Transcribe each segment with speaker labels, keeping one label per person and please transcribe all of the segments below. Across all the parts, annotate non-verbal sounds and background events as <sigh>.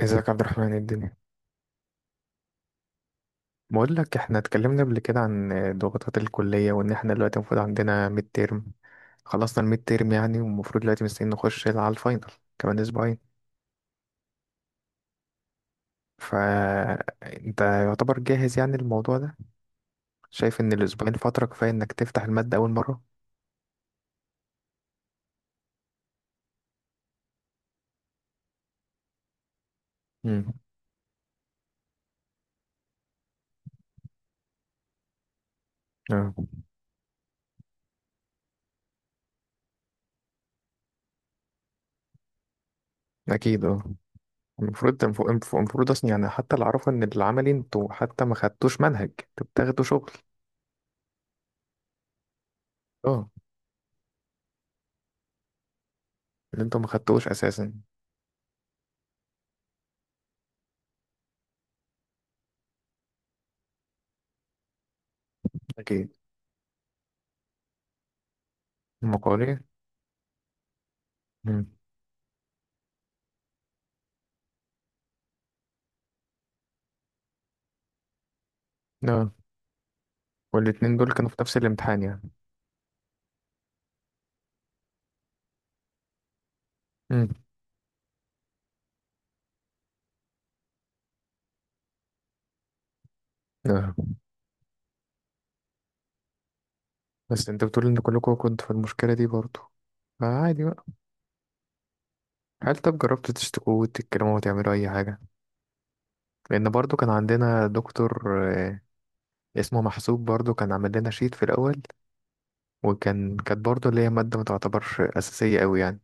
Speaker 1: ازيك يا عبد الرحمن، ايه الدنيا؟ بقول لك، احنا اتكلمنا قبل كده عن ضغوطات الكلية وان احنا دلوقتي المفروض عندنا ميد تيرم. خلصنا الميد تيرم يعني، والمفروض دلوقتي مستنيين نخش على الفاينل كمان اسبوعين. فانت يعتبر جاهز يعني الموضوع ده؟ شايف ان الاسبوعين فترة كفاية انك تفتح المادة اول مرة؟ امم. اه. اكيد اه. المفروض اصلا، يعني حتى اللي اعرفه ان العملي انتوا حتى ما خدتوش منهج، انتوا بتاخدوا شغل. اه، اللي انتوا ما خدتوش اساسا. اكيد. المقالي. امم. والاتنين دول كانوا في نفس الامتحان يعني؟ امم. آه. بس انت بتقول ان كلكم كنتوا في المشكلة دي برضو، فعادي بقى. هل طب جربتوا تشتكوا وتتكلموا وتعملوا اي حاجة؟ لان برضو كان عندنا دكتور، آه، اسمه محسوب، برضو كان عامل لنا شيت في الاول. وكان كانت برضو اللي هي مادة ما تعتبرش اساسية قوي يعني.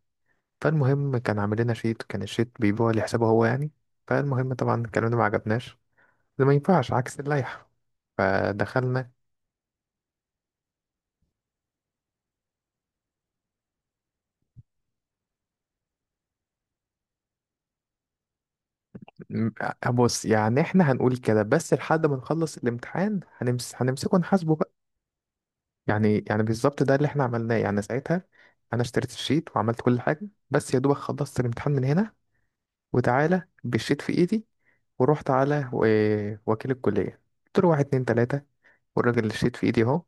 Speaker 1: فالمهم كان عامل لنا شيت، كان الشيت بيبيعه لحسابه هو يعني. فالمهم طبعا الكلام ده ما عجبناش، ده ما ينفعش، عكس اللائحة. فدخلنا، م- آه، بص، يعني احنا هنقول كده بس لحد ما نخلص الامتحان هنمسكه نحاسبه بقى. يعني بالظبط ده اللي احنا عملناه يعني ساعتها. انا اشتريت الشيت وعملت كل حاجه، بس يا دوبك خلصت الامتحان من هنا وتعالى بالشيت في ايدي، ورحت على وكيل الكليه. قلت له واحد اتنين تلاته، والراجل الشيت في ايدي اهو،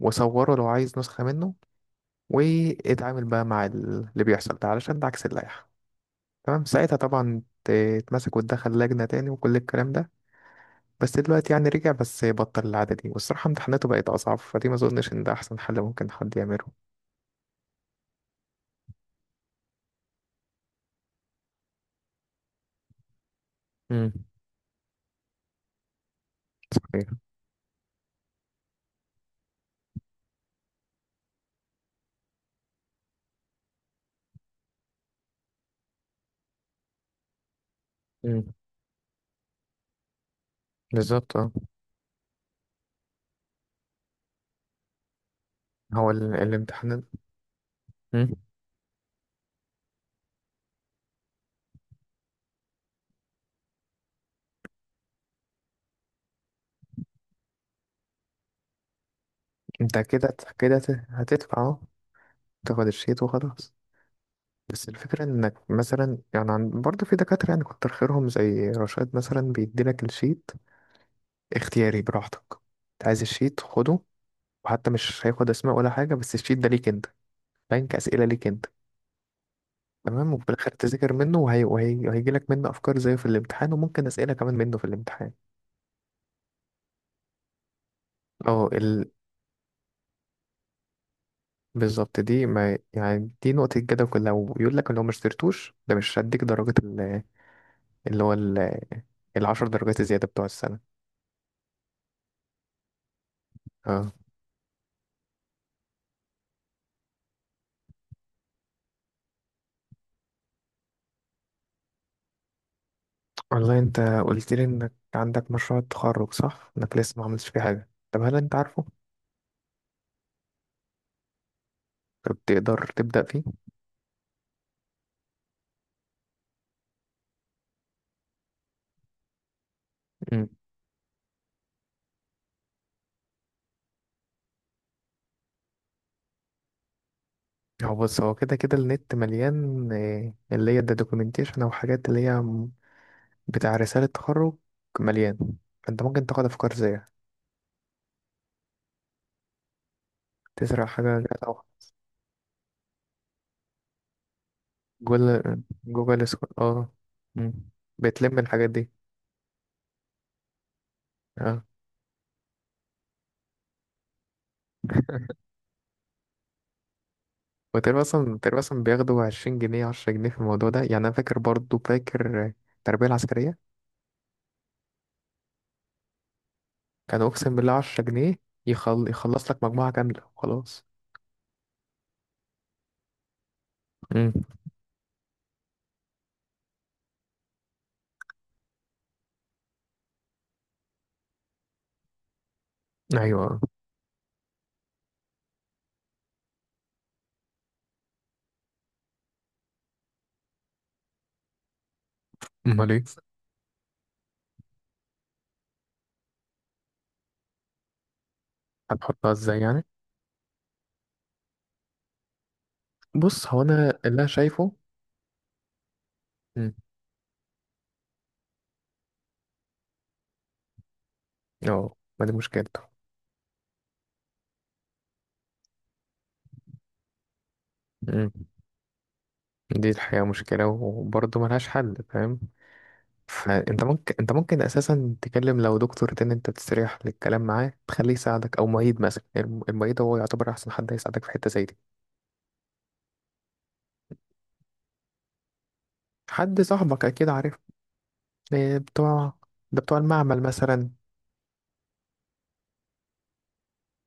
Speaker 1: وصوره لو عايز نسخه منه. واتعامل بقى مع اللي بيحصل ده علشان ده عكس اللائحه. تمام ساعتها طبعا اتمسك واتدخل لجنه تاني وكل الكلام ده. بس دلوقتي يعني رجع، بس بطل العادة دي، والصراحة امتحاناته بقت أصعب، فدي ما أظنش إن ده أحسن حل ممكن حد يعمله. امم. صحيح. امم. بالظبط اه. هو الامتحان. مم. أنت كده كده هتدفع أهو، تاخد الشيت وخلاص. بس الفكرة إنك مثلا يعني برضه في دكاترة يعني كتر خيرهم زي رشاد مثلا بيديلك الشيت اختياري براحتك. أنت عايز الشيت خده، وحتى مش هياخد أسماء ولا حاجة، بس الشيت ده ليك أنت، بنك أسئلة ليك أنت. تمام، وفي الاخر تذاكر منه وهيجي لك منه افكار زيه في الامتحان، وممكن اسئله كمان منه في الامتحان. اه بالظبط، دي ما يعني دي نقطه الجدل كلها، ويقول لك لو ما اشتريتوش ده مش هديك درجه اللي هو ال10 درجات الزياده بتوع السنه. اه. والله انت قلت لي انك عندك مشروع التخرج، صح انك لسه ما عملتش فيه حاجه؟ طب هل انت عارفه؟ طب تقدر تبدا فيه؟ مم. هو بص، هو كده كده النت مليان، آه، اللي هي الدوكيومنتيشن او حاجات اللي هي بتاع رسالة تخرج. مليان. انت ممكن تاخد افكار زيها. تسرق حاجة او جوجل. اه. مم. بتلم الحاجات دي. اه. <laughs> وتقريبا اصلا تقريبا اصلا بياخدوا 20 جنيه، 10 جنيه في الموضوع ده، يعني انا فاكر برضو فاكر التربية العسكرية. كانوا اقسم بالله 10 جنيه يخلص لك مجموعة كاملة وخلاص. مم. ايوه. امال ايه؟ هتحطها ازاي يعني؟ بص هو انا اللي انا شايفه. مم. اه، ما دي مشكلته. دي الحقيقة مشكلة وبرضه ملهاش حل، فاهم. فانت ممكن اساسا تكلم لو دكتور تاني انت تستريح للكلام معاه، تخليه يساعدك، او معيد مثلا. المعيد هو يعتبر احسن حد هيساعدك في حتة زي دي. حد صاحبك اكيد عارف. إيه بتوع؟ ده بتوع المعمل مثلا.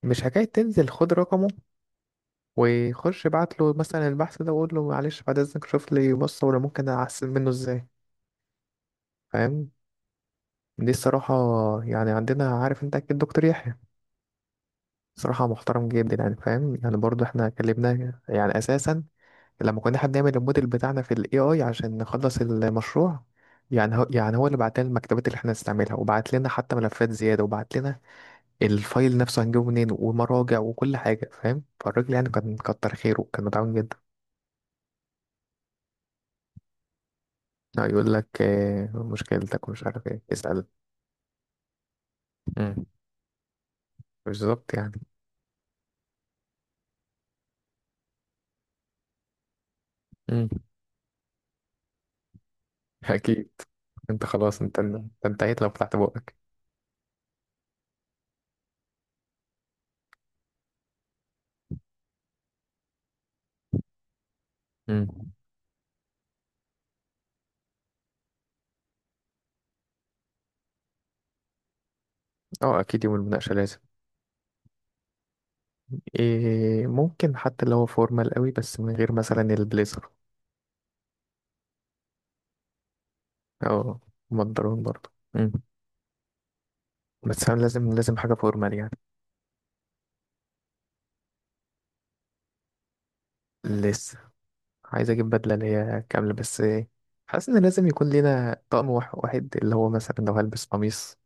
Speaker 1: مش حكاية، تنزل خد رقمه وخش ابعت له مثلا البحث ده وقول له معلش بعد اذنك شوف لي، بص ولا ممكن احسن منه ازاي. فاهم. دي الصراحة. يعني عندنا، عارف انت اكيد دكتور يحيى، صراحة محترم جدا يعني، فاهم يعني. برضو احنا اتكلمنا يعني اساسا لما كنا احنا بنعمل الموديل بتاعنا في الAI عشان نخلص المشروع. يعني هو اللي بعت لنا المكتبات اللي احنا هنستعملها، وبعت لنا حتى ملفات زيادة، وبعت لنا الفايل نفسه هنجيبه منين، ومراجع وكل حاجة، فاهم. فالراجل يعني كان كتر خيره وكان متعاون جدا. يعني يقول لك آه، مشكلتك ومش عارف ايه، اسأل. مم. بالظبط يعني. مم. اكيد. انت خلاص انت انتهيت لو فتحت بقك. مم. اه اكيد يوم المناقشة لازم. إيه ممكن حتى لو هو فورمال قوي، بس من غير مثلا البليزر. او مضرون برضه. مم. بس انا لازم لازم حاجه فورمال يعني. لسه. عايز اجيب بدله اللي هي كامله، بس إيه، حاسس ان لازم يكون لينا طقم واحد، اللي هو مثلا لو هلبس قميص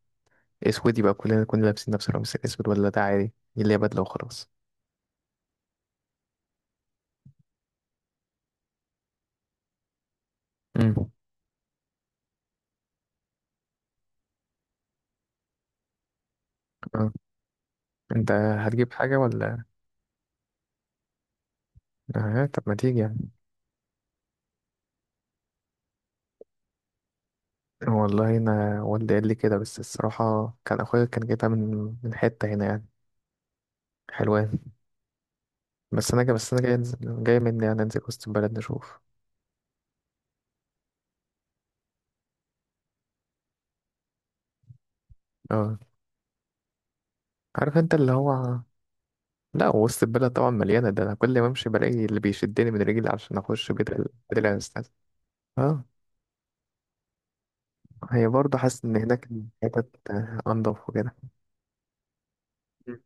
Speaker 1: اسود يبقى كلنا نكون لابسين نفس القميص الاسود، ولا ده عادي اللي هي بدله وخلاص. مم. اه. انت هتجيب حاجه ولا؟ اه، طب ما تيجي يعني. والله انا والدي قال لي كده، بس الصراحه كان اخويا كان جايبها من حته هنا يعني حلوة. بس انا جاي بس انا جاي انزل جاي مني يعني انزل وسط البلد نشوف. اه، عارف انت اللي هو، لا وسط البلد طبعا مليانه. ده انا كل ما امشي بلاقي اللي بيشدني من رجلي عشان اخش بدل. بدل الاستاذ. اه، هي برضه حاسس ان هناك الحتت انضف وكده. مم.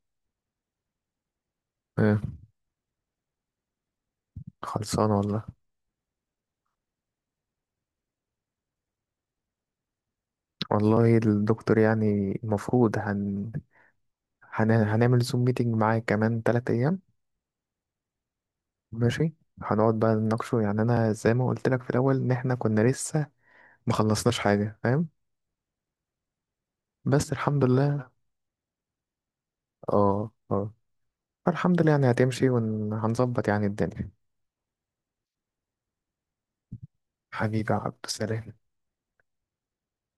Speaker 1: اه، خلصانه والله. والله الدكتور يعني المفروض هنعمل زوم ميتنج معاه كمان 3 ايام. ماشي. هنقعد بقى نناقشه، يعني انا زي ما قلت لك في الاول، ان احنا كنا لسه ما خلصناش حاجه، فاهم. بس الحمد لله. اه اه. الحمد لله يعني، هتمشي وهنظبط يعني الدنيا. حبيبي يا عبد السلام.